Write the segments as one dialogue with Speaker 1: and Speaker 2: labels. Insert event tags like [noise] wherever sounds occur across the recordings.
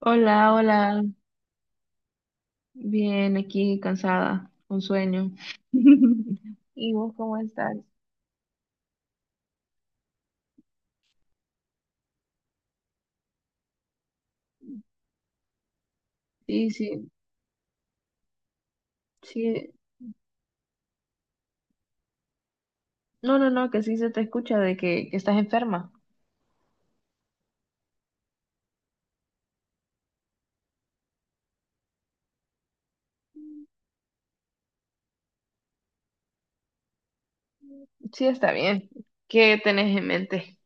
Speaker 1: Hola, hola. Bien, aquí cansada, con sueño. [laughs] ¿Y vos cómo estás? Sí, sí, sí. No, no, no, que sí se te escucha de que estás enferma. Sí, está bien. ¿Qué tenés en mente?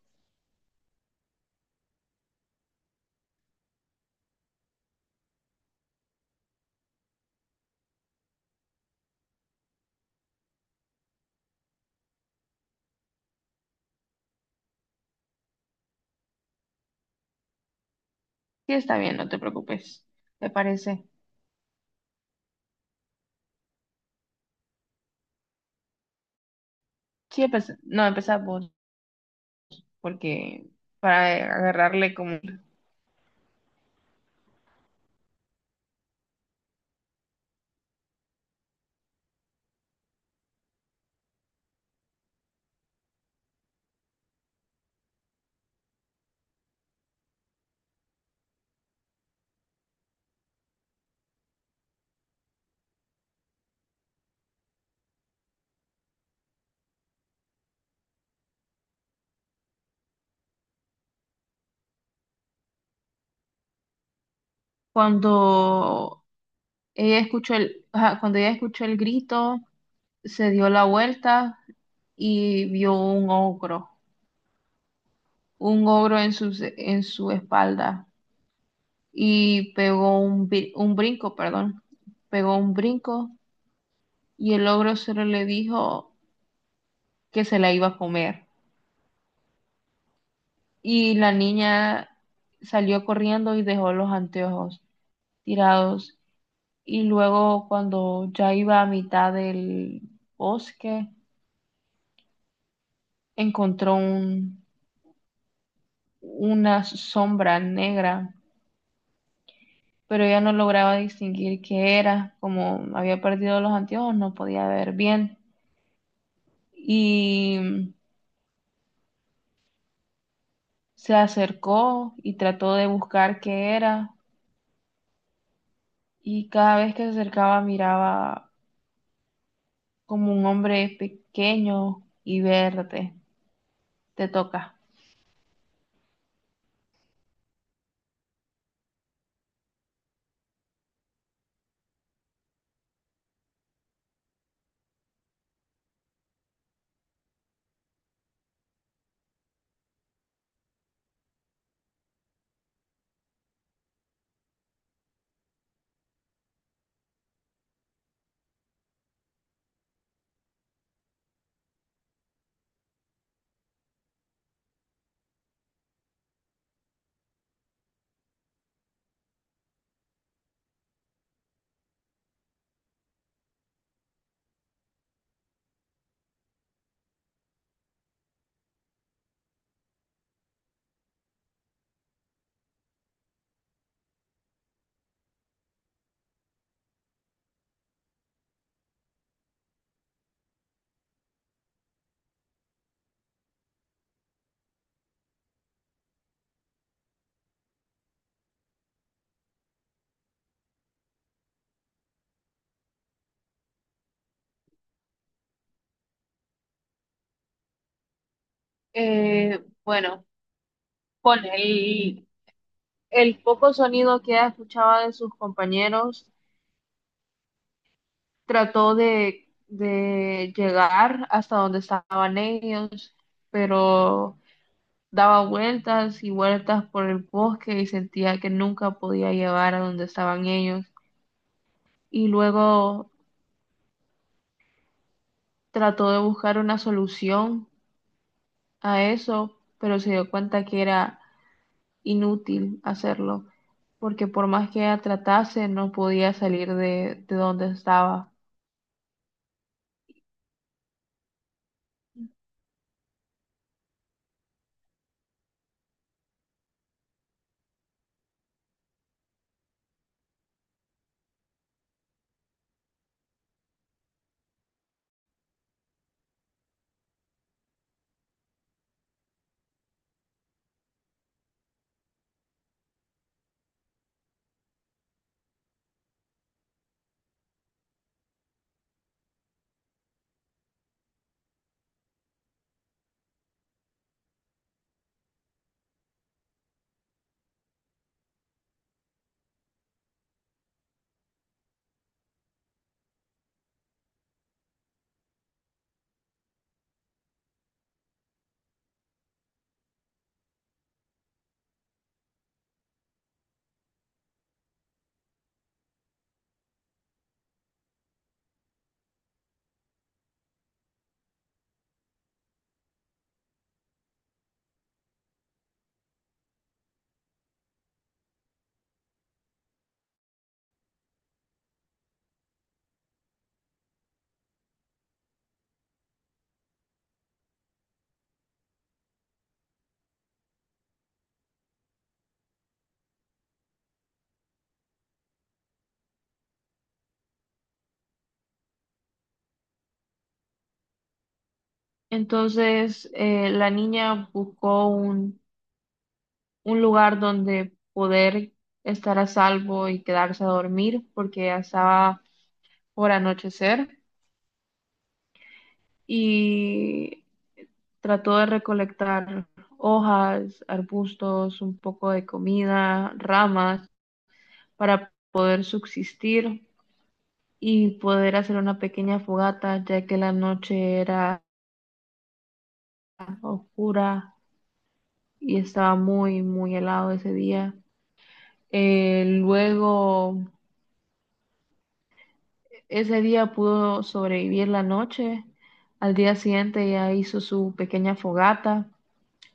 Speaker 1: Sí, está bien, no te preocupes. ¿Te parece? Sí, no, empezá vos, porque para agarrarle como... Cuando ella escuchó el grito, se dio la vuelta y vio un ogro. Un ogro en su espalda y un brinco, perdón, pegó un brinco y el ogro solo le dijo que se la iba a comer. Y la niña salió corriendo y dejó los anteojos tirados. Y luego cuando ya iba a mitad del bosque, encontró un, una sombra negra, pero ella no lograba distinguir qué era. Como había perdido los anteojos, no podía ver bien y se acercó y trató de buscar qué era, y cada vez que se acercaba miraba como un hombre pequeño y verde. Te toca. Bueno, con el, el poco sonido que ella escuchaba de sus compañeros, trató de llegar hasta donde estaban ellos, pero daba vueltas y vueltas por el bosque y sentía que nunca podía llegar a donde estaban ellos. Y luego trató de buscar una solución a eso, pero se dio cuenta que era inútil hacerlo, porque por más que ella tratase, no podía salir de donde estaba. Entonces, la niña un lugar donde poder estar a salvo y quedarse a dormir porque ya estaba por anochecer. Y trató de recolectar hojas, arbustos, un poco de comida, ramas para poder subsistir y poder hacer una pequeña fogata, ya que la noche era oscura y estaba muy, muy helado ese día. Luego, ese día pudo sobrevivir la noche. Al día siguiente ya hizo su pequeña fogata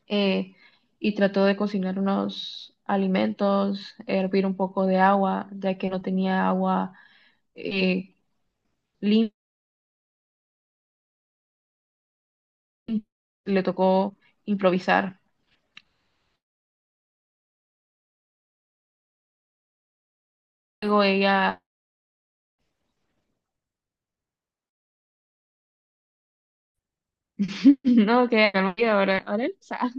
Speaker 1: eh, y trató de cocinar unos alimentos, hervir un poco de agua, ya que no tenía agua eh, limpia, le tocó improvisar. Luego ella, [laughs] no, que ahora él sabe.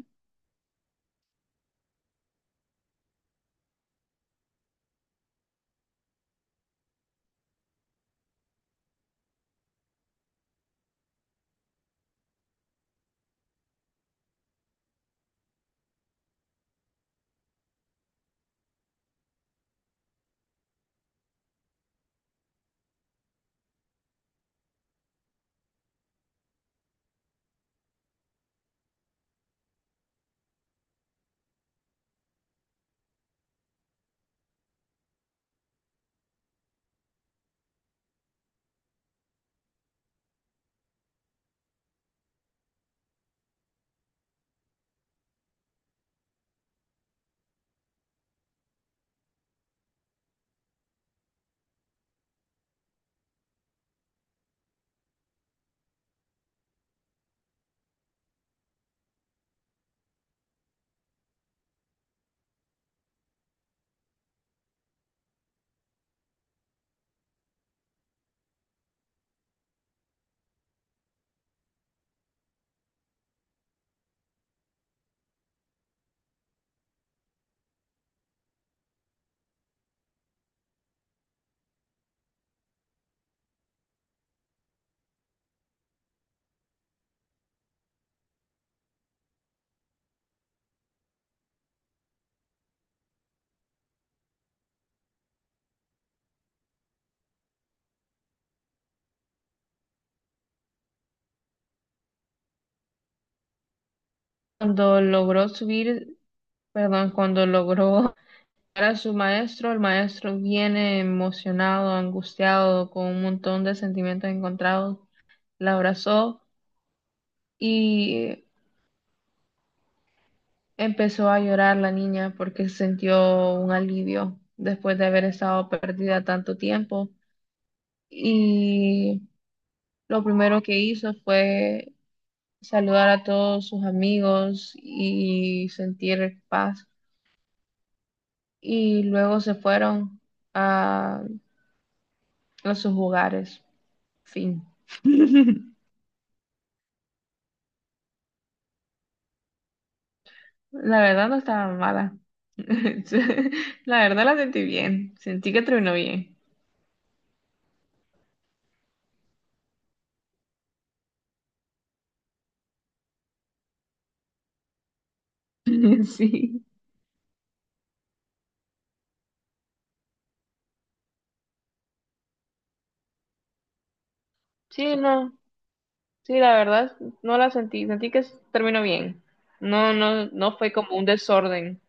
Speaker 1: Cuando logró subir, perdón, cuando logró llegar a su maestro, el maestro viene emocionado, angustiado, con un montón de sentimientos encontrados, la abrazó y empezó a llorar la niña porque sintió un alivio después de haber estado perdida tanto tiempo, y lo primero que hizo fue saludar a todos sus amigos y sentir paz, y luego se fueron a, a sus hogares. Fin. La verdad no estaba mala. [laughs] La verdad la sentí bien. Sentí que terminó bien. [laughs] Sí. Sí, no. Sí, la verdad, no la sentí. Sentí que terminó bien. No, no, no fue como un desorden.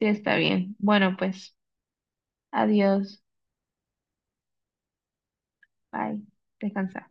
Speaker 1: Sí, está bien. Bueno, pues, adiós. Bye. Descansa.